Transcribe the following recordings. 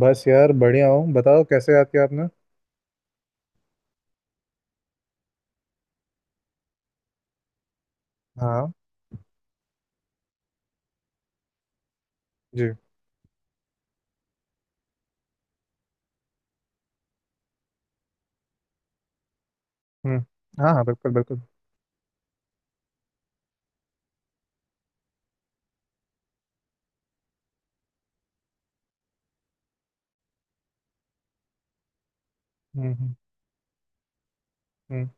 बस यार, बढ़िया हूँ। बताओ, कैसे याद किया आपने? हाँ। जी। हम्म। हाँ, हाँ, बिल्कुल, बिल्कुल। हम्म, हम्म, हम्म,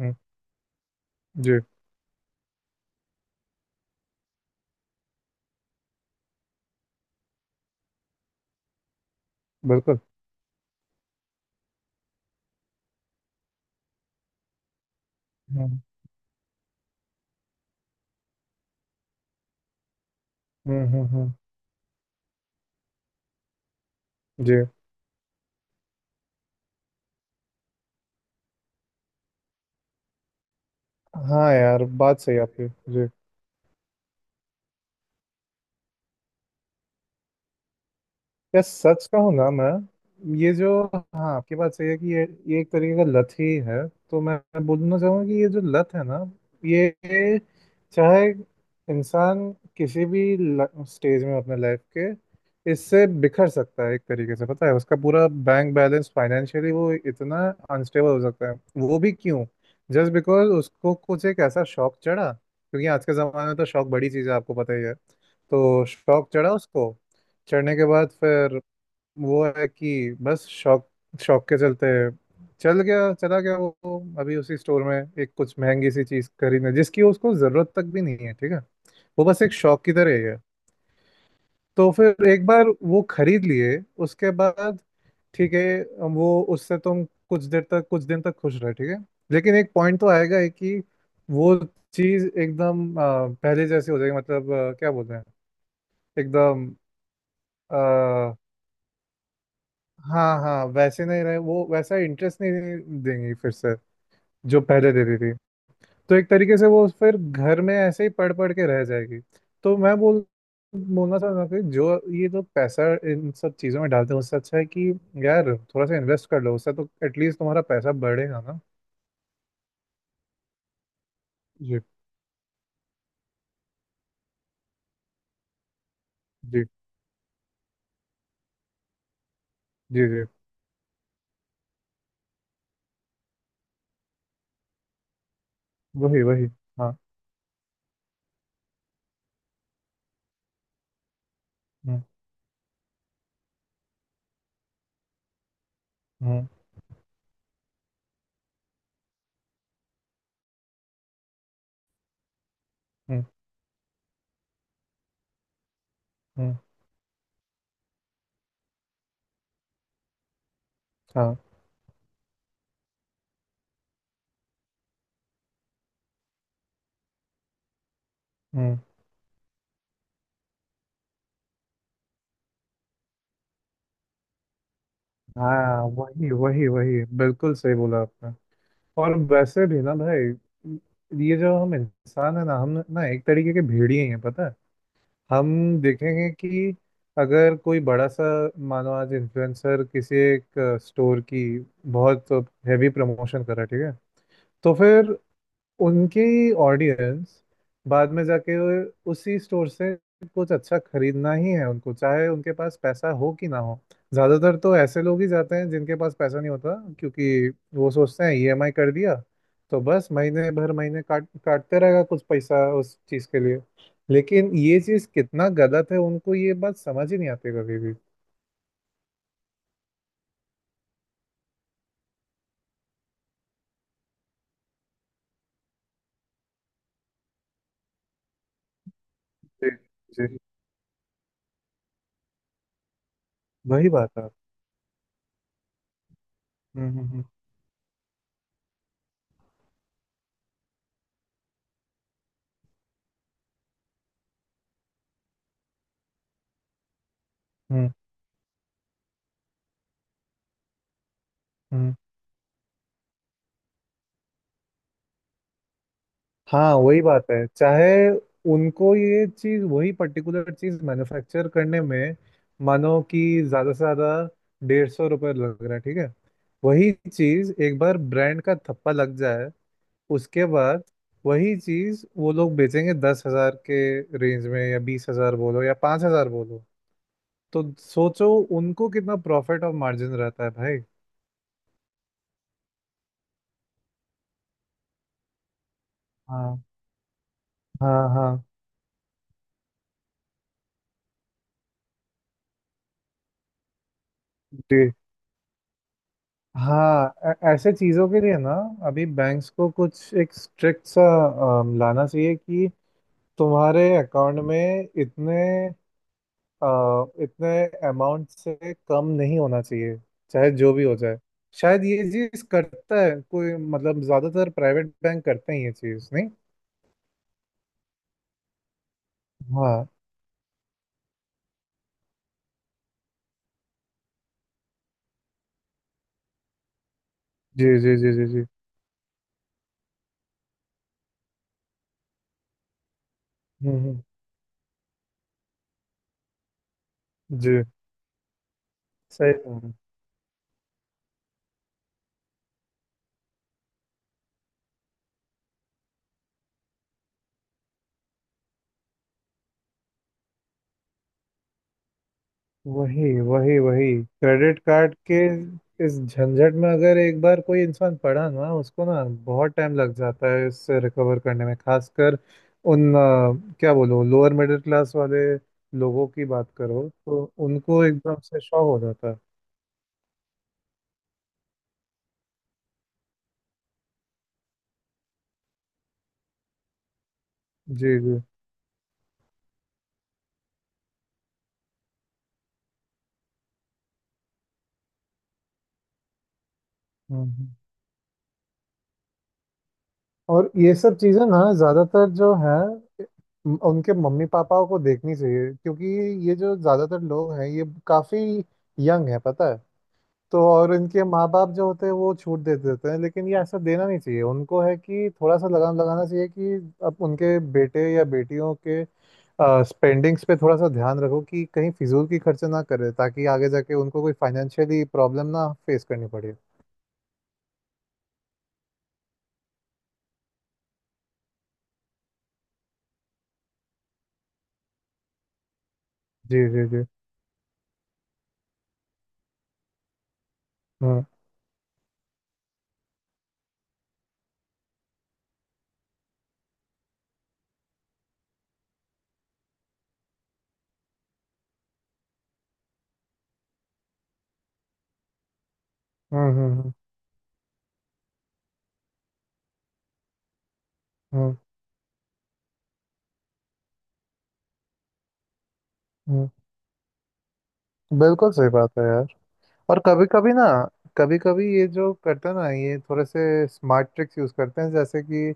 हम्म, जी, बिल्कुल। हम्म, हम्म, हम्म, जी। हाँ यार, बात सही है आपकी। जी। यार, सच कहूँ ना, मैं ये जो। हाँ, आपकी बात सही है कि ये एक तरीके का लत ही है। तो मैं बोलना चाहूंगा कि ये जो लत है ना, ये, चाहे इंसान किसी भी स्टेज में हो अपने लाइफ के, इससे बिखर सकता है। एक तरीके से पता है, उसका पूरा बैंक बैलेंस फाइनेंशियली वो इतना अनस्टेबल हो सकता है। वो भी क्यों? जस्ट बिकॉज उसको कुछ एक ऐसा शौक चढ़ा, क्योंकि आज के ज़माने में तो शौक बड़ी चीज़ है, आपको पता ही है। तो शौक चढ़ा उसको, चढ़ने के बाद फिर वो है कि बस शौक, शौक के चलते चल गया, चला गया वो अभी उसी स्टोर में एक कुछ महंगी सी चीज खरीदने, जिसकी उसको जरूरत तक भी नहीं है, ठीक है। वो बस एक शौक की तरह ही है। तो फिर एक बार वो खरीद लिए, उसके बाद ठीक है, वो उससे तुम कुछ देर तक कुछ दिन तक खुश रहे, ठीक है। लेकिन एक पॉइंट तो आएगा ही कि वो चीज एकदम पहले जैसी हो जाएगी। मतलब क्या बोलते हैं, एकदम। हाँ, हाँ, वैसे नहीं रहे, वो वैसा इंटरेस्ट नहीं देंगी फिर से जो पहले देती थी। तो एक तरीके से वो फिर घर में ऐसे ही पढ़ पढ़ के रह जाएगी। तो मैं बोलना चाहता हूँ कि जो ये जो पैसा इन सब चीज़ों में डालते हैं, उससे अच्छा है कि यार थोड़ा सा इन्वेस्ट कर लो, उससे तो एटलीस्ट तुम्हारा पैसा बढ़ेगा ना। जी, जी, जी, जी। वही, वही। हाँ। हम्म, हम्म, हम्म, हम्म, हाँ, हम्म। हाँ, वही, वही, वही, बिल्कुल सही बोला आपने। और वैसे भी ना भाई, ये जो हम इंसान है ना, हम ना एक तरीके के भेड़िए हैं, पता है। हम देखेंगे कि अगर कोई बड़ा सा, मानो आज इन्फ्लुएंसर किसी एक स्टोर की बहुत हैवी प्रमोशन कर रहा है, ठीक है, तो फिर उनकी ऑडियंस बाद में जाके उसी स्टोर से कुछ अच्छा खरीदना ही है उनको, चाहे उनके पास पैसा हो कि ना हो। ज़्यादातर तो ऐसे लोग ही जाते हैं जिनके पास पैसा नहीं होता, क्योंकि वो सोचते हैं ईएमआई कर दिया, तो बस महीने भर महीने काट काटते रहेगा कुछ पैसा उस चीज़ के लिए। लेकिन ये चीज़ कितना गलत है, उनको ये बात समझ ही नहीं आती कभी भी। जी, जी। वही बात है। हम्म, हम्म, हम्म, हम्म। हाँ, वही बात है, चाहे उनको ये चीज, वही पर्टिकुलर चीज मैन्युफैक्चर करने में, मानो कि ज्यादा से ज्यादा 150 रुपये लग रहा है, ठीक है, वही चीज एक बार ब्रांड का थप्पा लग जाए, उसके बाद वही चीज वो लोग बेचेंगे 10 हजार के रेंज में, या 20 हजार बोलो या 5 हजार बोलो। तो सोचो उनको कितना प्रॉफिट और मार्जिन रहता है भाई। हाँ, हाँ, हाँ। हाँ, ऐसे चीज़ों के लिए ना, अभी बैंक्स को कुछ एक स्ट्रिक्ट सा लाना चाहिए कि तुम्हारे अकाउंट में अ, इतने अमाउंट से कम नहीं होना चाहिए, चाहे जो भी हो जाए। शायद ये चीज़ करता है कोई, मतलब ज़्यादातर प्राइवेट बैंक करते हैं, ये चीज़ नहीं। हाँ। जी, जी, जी, जी, जी। हम्म, जी। सही। वही, वही, वही क्रेडिट कार्ड के इस झंझट में अगर एक बार कोई इंसान पड़ा ना, उसको ना बहुत टाइम लग जाता है इससे रिकवर करने में, खासकर उन क्या बोलो, लोअर मिडिल क्लास वाले लोगों की बात करो तो उनको एकदम से शॉक हो जाता है। जी, जी। हम्म। और ये सब चीज़ें ना, ज़्यादातर जो हैं, उनके मम्मी पापाओं को देखनी चाहिए, क्योंकि ये जो ज़्यादातर लोग हैं ये काफ़ी यंग है, पता है। तो और इनके माँ बाप जो होते हैं वो छूट दे देते हैं, लेकिन ये ऐसा देना नहीं चाहिए उनको, है कि थोड़ा सा लगाम लगाना चाहिए कि अब उनके बेटे या बेटियों के स्पेंडिंग्स पे थोड़ा सा ध्यान रखो कि कहीं फिजूल की खर्चे ना करे, ताकि आगे जाके उनको कोई फाइनेंशियली प्रॉब्लम ना फेस करनी पड़े। जी, जी, जी। हम्म, हम्म, हम्म, हम्म, हम्म। हम्म। बिल्कुल सही बात है यार। और कभी कभी ना, कभी कभी ये जो करते हैं ना, ये थोड़े से स्मार्ट ट्रिक्स यूज करते हैं, जैसे कि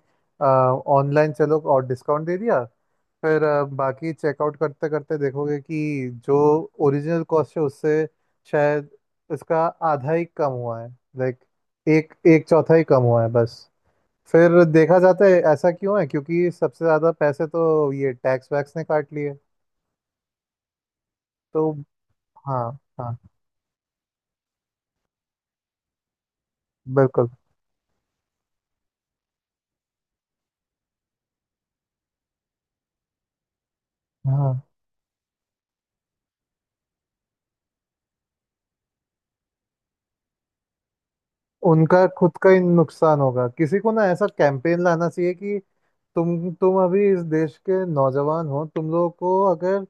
ऑनलाइन चलो और डिस्काउंट दे दिया, फिर बाकी चेकआउट करते करते देखोगे कि जो ओरिजिनल कॉस्ट है उससे शायद इसका आधा ही कम हुआ है, लाइक एक एक चौथा ही कम हुआ है बस। फिर देखा जाता है ऐसा क्यों है, क्योंकि सबसे ज़्यादा पैसे तो ये टैक्स वैक्स ने काट लिए। तो हाँ, हाँ, बिल्कुल। हाँ, उनका खुद का ही नुकसान होगा, किसी को ना ऐसा कैंपेन लाना चाहिए कि तुम अभी इस देश के नौजवान हो, तुम लोगों को अगर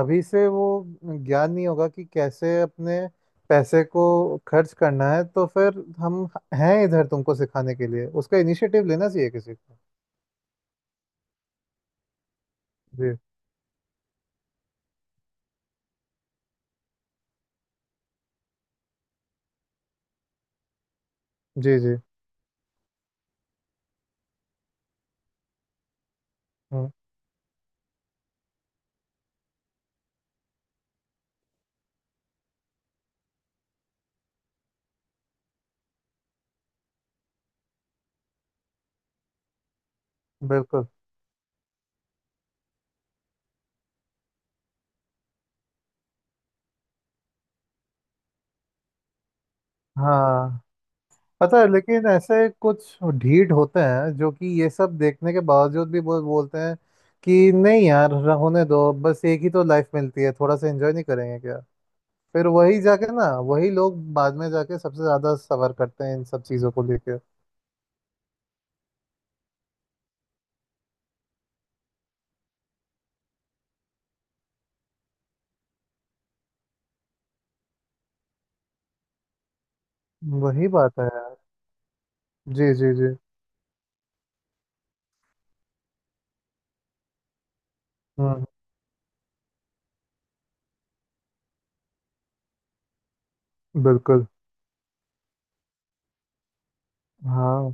अभी से वो ज्ञान नहीं होगा कि कैसे अपने पैसे को खर्च करना है, तो फिर हम हैं इधर तुमको सिखाने के लिए। उसका इनिशिएटिव लेना चाहिए किसी को। जी, जी, जी। हम्म, बिल्कुल। हाँ पता है, लेकिन ऐसे कुछ ढीठ होते हैं जो कि ये सब देखने के बावजूद भी बोल बोलते हैं कि नहीं यार, होने दो, बस एक ही तो लाइफ मिलती है, थोड़ा सा एंजॉय नहीं करेंगे क्या। फिर वही जाके ना, वही लोग बाद में जाके सबसे ज्यादा सफर करते हैं इन सब चीजों को लेके। वही बात है यार। जी, जी, जी। हम्म। बिल्कुल। हाँ।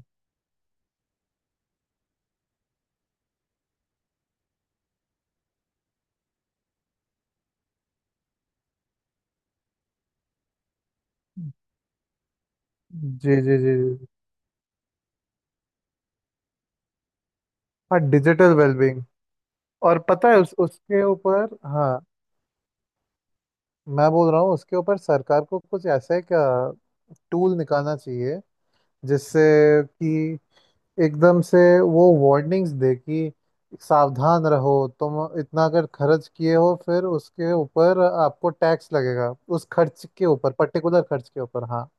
जी, जी, जी, जी। हाँ, डिजिटल वेलबींग। और पता है उस उसके ऊपर, हाँ। मैं बोल रहा हूँ उसके ऊपर सरकार को कुछ ऐसा एक टूल निकालना चाहिए जिससे कि एकदम से वो वार्निंग्स दे कि सावधान रहो, तुम इतना अगर खर्च किए हो फिर उसके ऊपर आपको टैक्स लगेगा, उस खर्च के ऊपर, पर्टिकुलर खर्च के ऊपर। हाँ।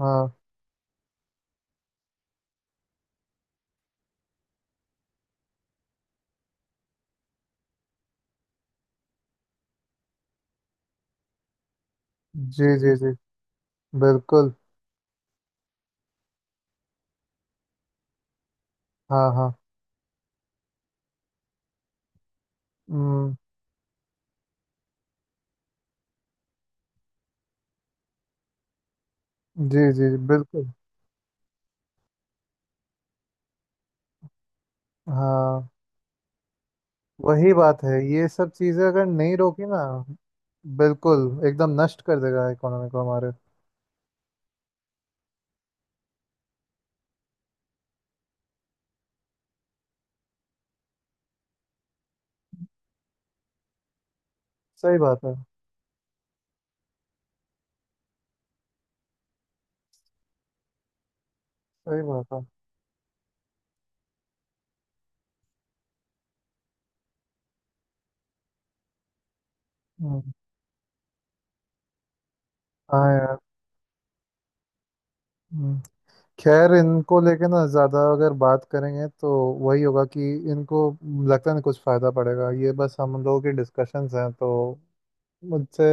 हाँ, जी, जी, जी, बिल्कुल। हाँ, हाँ। हम्म, जी, जी, जी, बिल्कुल। हाँ, वही बात है, ये सब चीजें अगर नहीं रोकी ना। बिल्कुल, एकदम नष्ट कर देगा इकोनॉमी को हमारे। सही बात है। सही बात है। हम्म, हाँ यार। हम्म। खैर, इनको लेके ना ज्यादा अगर बात करेंगे तो वही होगा कि इनको लगता नहीं कुछ फायदा पड़ेगा, ये बस हम लोगों की डिस्कशंस हैं, तो मुझसे।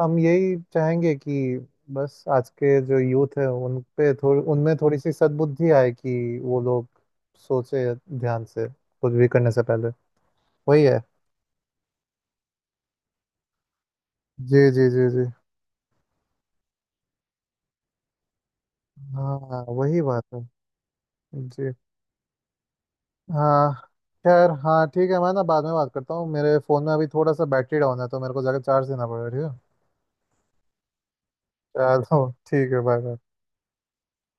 हम यही चाहेंगे कि बस आज के जो यूथ है उन पे थोड़ी, उनमें थोड़ी सी सद्बुद्धि आए कि वो लोग सोचे, ध्यान से कुछ भी करने से पहले। वही है। जी, जी, जी, जी। हाँ, वही बात है। जी। हाँ। खैर, हाँ ठीक है, मैं ना बाद में बात करता हूँ, मेरे फ़ोन में अभी थोड़ा सा बैटरी डाउन है, तो मेरे को जाकर चार्ज देना पड़ेगा। ठीक है चलो, ठीक है, बाय बाय।